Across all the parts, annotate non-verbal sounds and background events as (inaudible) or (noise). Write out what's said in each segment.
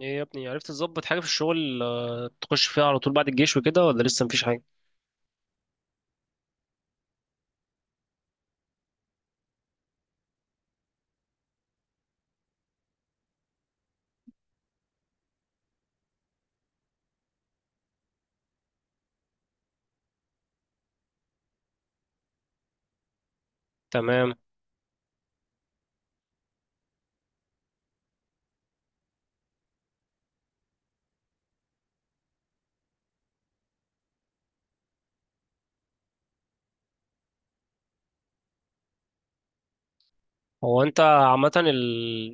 ايه يا ابني، عرفت تظبط حاجة في الشغل؟ تخش فيها على طول بعد الجيش وكده ولا لسه مفيش حاجة؟ تمام. هو انت عامة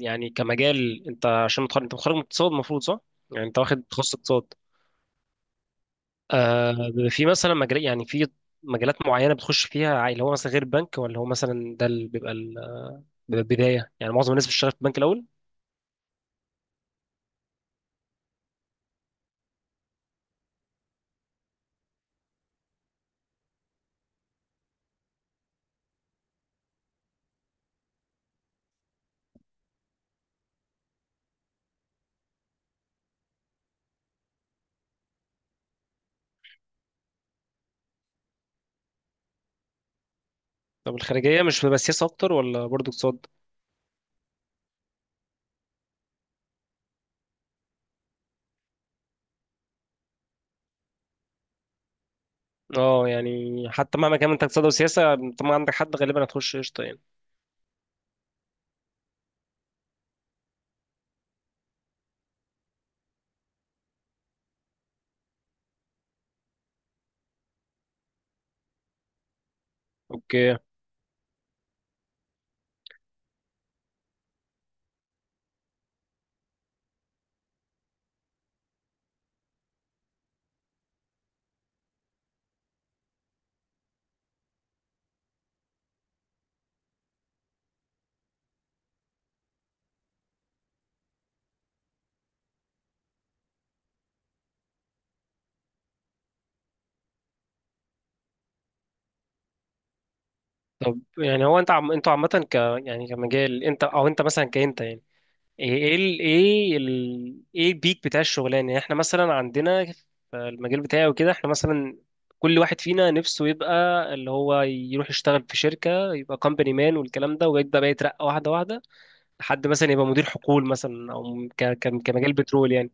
يعني كمجال، انت عشان متخرج من اقتصاد، المفروض صح؟ يعني انت واخد تخصص اقتصاد. بيبقى في مثلا مجال، يعني في مجالات معينة بتخش فيها، اللي هو مثلا غير البنك، ولا هو مثلا ده اللي بيبقى بيبقى البداية. يعني معظم الناس بتشتغل في البنك الأول. طب الخارجية مش بتبقى سياسة أكتر ولا برضه اقتصاد؟ اه يعني، حتى مهما كان انت اقتصاد وسياسة. طب ما عندك حد غالبا، هتخش قشطة يعني. اوكي. طب يعني هو انت انتوا عامة ك، يعني كمجال انت، او انت مثلا كأنت يعني، ايه البيك بتاع الشغلانة؟ يعني احنا مثلا عندنا في المجال بتاعي وكده، احنا مثلا كل واحد فينا نفسه يبقى اللي هو يروح يشتغل في شركة، يبقى كومباني مان والكلام ده، ويبدأ بقى يترقى واحدة واحدة، لحد مثلا يبقى مدير حقول مثلا، او كمجال بترول يعني.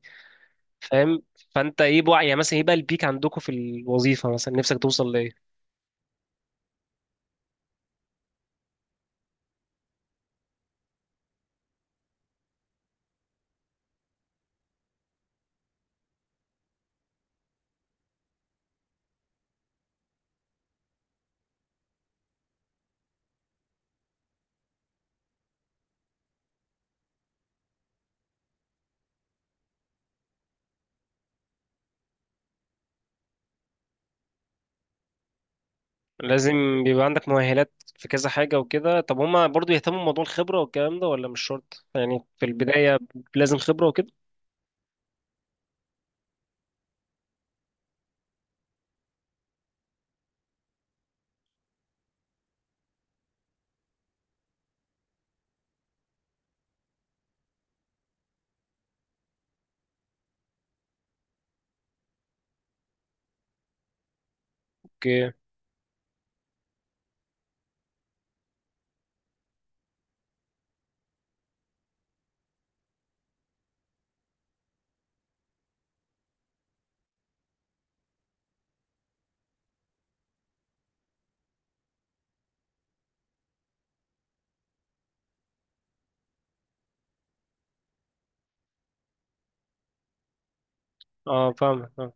فاهم. فانت ايه بقى يعني، مثلا ايه بقى البيك عندكم في الوظيفة، مثلا نفسك توصل؟ لازم بيبقى عندك مؤهلات في كذا حاجة وكده. طب هما برضو يهتموا بموضوع الخبرة والكلام ده، ولا مش شرط يعني في البداية لازم خبرة وكده؟ اوكي. اه فاهمك. اه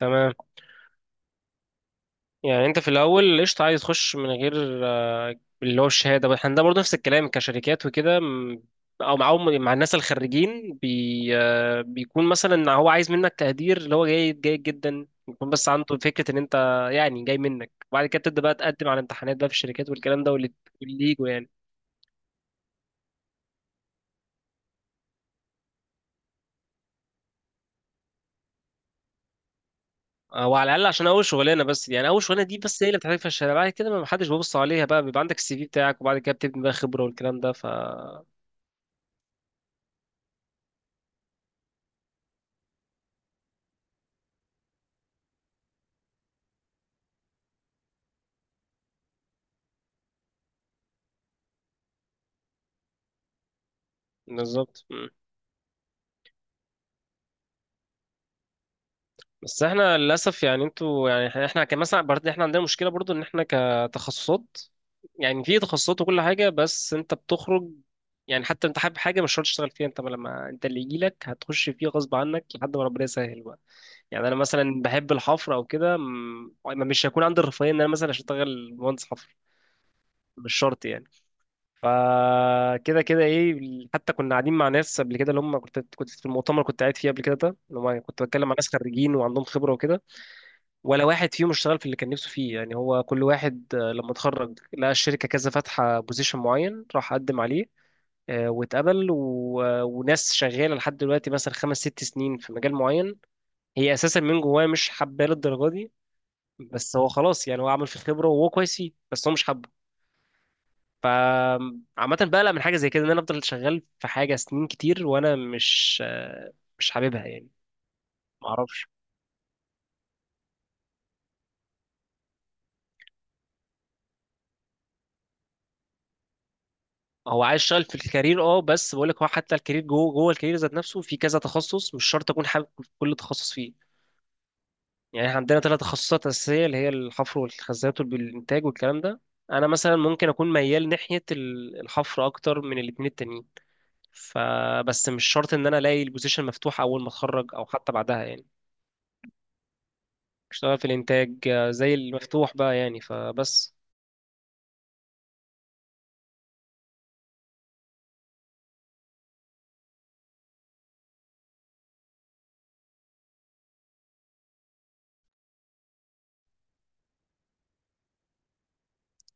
تمام. يعني انت في الاول قشطة عايز تخش من غير اللي هو الشهادة. بس احنا ده برضو نفس الكلام كشركات وكده. او معاهم، مع الناس الخريجين، بي آه، بيكون مثلا هو عايز منك تقدير، اللي هو جيد جيد جدا يكون، بس عنده فكرة ان انت يعني جاي منك، وبعد كده تبدأ بقى تقدم على امتحانات بقى في الشركات والكلام ده، واللي يجوا يعني. او على الاقل عشان اول شغلانه، بس يعني اول شغلانه دي بس هي اللي بتحتاج، في الشارع بعد كده ما حدش بيبص عليها، بقى بيبقى عندك السي في بتاعك، وبعد كده بتبني بقى خبره والكلام ده، بالظبط. مم. بس احنا للاسف يعني، انتوا يعني احنا، كان مثلا برضه، احنا عندنا مشكله برضه ان احنا كتخصصات، يعني في تخصصات وكل حاجه، بس انت بتخرج يعني، حتى انت حابب حاجه مش شرط تشتغل فيها، انت لما اللي يجي لك هتخش فيه غصب عنك، لحد ما ربنا يسهل بقى. يعني انا مثلا بحب الحفر او كده، مش هيكون عندي الرفاهيه ان انا مثلا اشتغل مهندس حفر. مش شرط يعني. فكده كده ايه، حتى كنا قاعدين مع ناس قبل كده، اللي هم كنت في المؤتمر كنت قاعد فيه قبل كده، ده اللي هم كنت بتكلم مع ناس خريجين وعندهم خبره وكده، ولا واحد فيهم اشتغل في اللي كان نفسه فيه. يعني هو كل واحد لما اتخرج، لقى الشركه كذا فاتحه بوزيشن معين، راح قدم عليه، واتقبل و... آه، وناس شغاله لحد دلوقتي مثلا خمس ست سنين في مجال معين، هي اساسا من جواه مش حباه للدرجه دي. بس هو خلاص يعني، هو عمل في خبره وهو كويس فيه، بس هو مش حابه. فعامة بقلق من حاجة زي كده، ان انا افضل شغال في حاجة سنين كتير وانا مش حاببها يعني. معرفش. هو عايز يشتغل في الكارير. اه، بس بقول لك، هو حتى الكارير، جوه الكارير ذات نفسه، في كذا تخصص مش شرط اكون حابب كل تخصص فيه. يعني احنا عندنا 3 تخصصات اساسيه، اللي هي الحفر والخزانات والانتاج والكلام ده. انا مثلا ممكن اكون ميال ناحيه الحفر اكتر من الاثنين التانيين. فبس مش شرط ان انا الاقي البوزيشن مفتوح اول ما اتخرج، او حتى بعدها يعني. اشتغل في الانتاج زي المفتوح بقى يعني، فبس.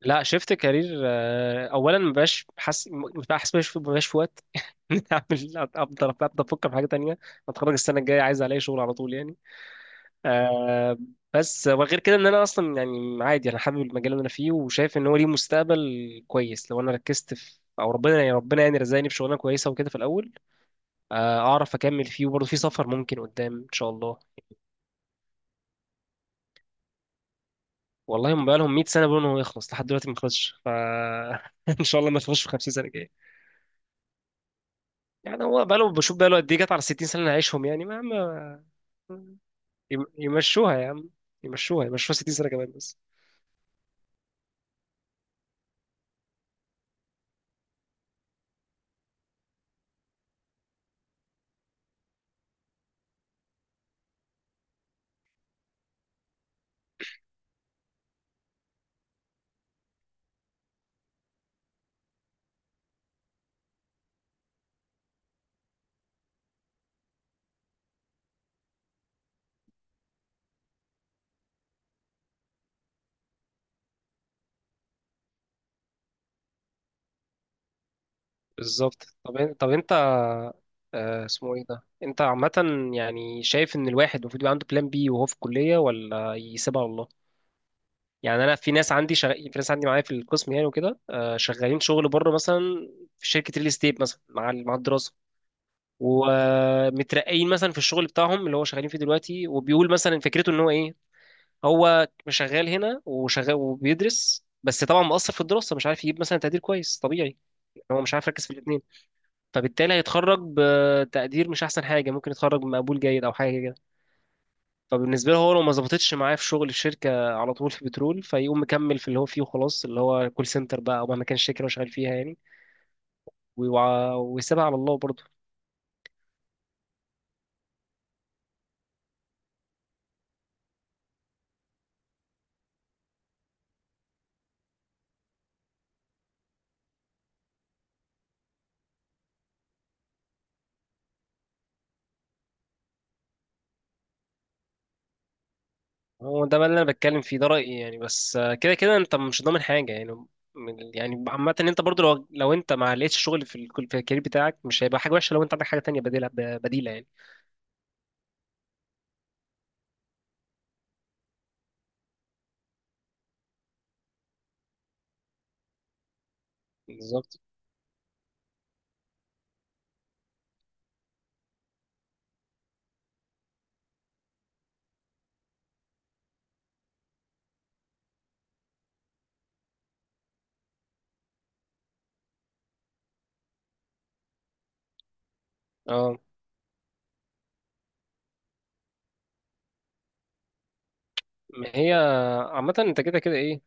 لا، شفت كارير اولا مبقاش حاسس، مبقاش في وقت (laughs) إن اعمل، افضل ابدا افكر في حاجه تانية. اتخرج السنه الجايه، عايز الاقي شغل على طول يعني. آه، بس وغير كده، ان انا اصلا يعني عادي، انا حابب المجال اللي انا فيه، وشايف ان هو ليه مستقبل كويس لو انا ركزت في، او ربنا يعني رزقني بشغلانه كويسه وكده في الاول. اعرف اكمل فيه، وبرضه في سفر ممكن قدام ان شاء الله. والله موبايلهم 100 سنه بيقولوا ان هو يخلص، لحد دلوقتي ما خلصش. (laughs) ان شاء الله ما يخلصش في 50 سنه جايه. يعني هو بقاله، بشوف بقاله قد ايه، جت على 60 سنه اللي هنعيشهم يعني، ما يمشوها يا عم، يمشوها يمشوها 60 سنه كمان بس. بالظبط. طب طب انت اسمه ايه ده، انت عامه يعني شايف ان الواحد المفروض يبقى عنده بلان بي وهو في الكليه، ولا يسيبها على الله؟ يعني انا في ناس عندي، معايا في القسم يعني وكده، شغالين شغل بره مثلا، في شركه ريل استيت مثلا مع مع الدراسه، ومترقيين مثلا في الشغل بتاعهم اللي هو شغالين فيه دلوقتي. وبيقول مثلا، فكرته ان هو ايه، هو مش شغال هنا وشغال وبيدرس، بس طبعا مقصر في الدراسه، مش عارف يجيب مثلا تقدير كويس طبيعي. هو مش عارف يركز في الاثنين، فبالتالي هيتخرج بتقدير مش احسن حاجه، ممكن يتخرج بمقبول جيد او حاجه كده. فبالنسبه له هو، لو ما ظبطتش معاه في شغل الشركه على طول في بترول، فيقوم مكمل في اللي هو فيه وخلاص، اللي هو كول سنتر بقى، او مهما كان الشركه اللي هو شغال فيها يعني. ويسيبها على الله برضه. هو ده بقى اللي انا بتكلم فيه، ده رايي يعني. بس كده كده انت مش ضامن حاجه يعني. يعني عامه ان انت برضو، لو انت ما لقيتش شغل في في الكارير بتاعك، مش هيبقى حاجه وحشه لو انت عندك حاجه تانية بديله، بديله يعني. بالظبط. اه، ما هي عامه انت كده كده ايه،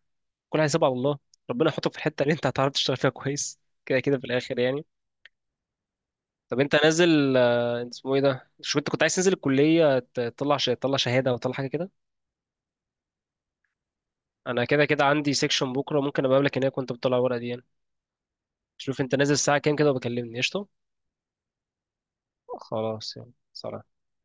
كل حساب على الله، ربنا يحطك في الحته اللي انت هتعرف تشتغل فيها كويس، كده كده في الاخر يعني. طب انت نازل اسمه ايه ده، شو انت كنت عايز تنزل الكليه، تطلع تطلع شهاده، او تطلع حاجه كده؟ انا كده كده عندي سيكشن بكره، ممكن ابقى اقابلك هناك وانت بتطلع الورقه دي يعني. شوف انت نازل الساعة كام كده، وبكلمني قشطة. خلاص يلا، سلام.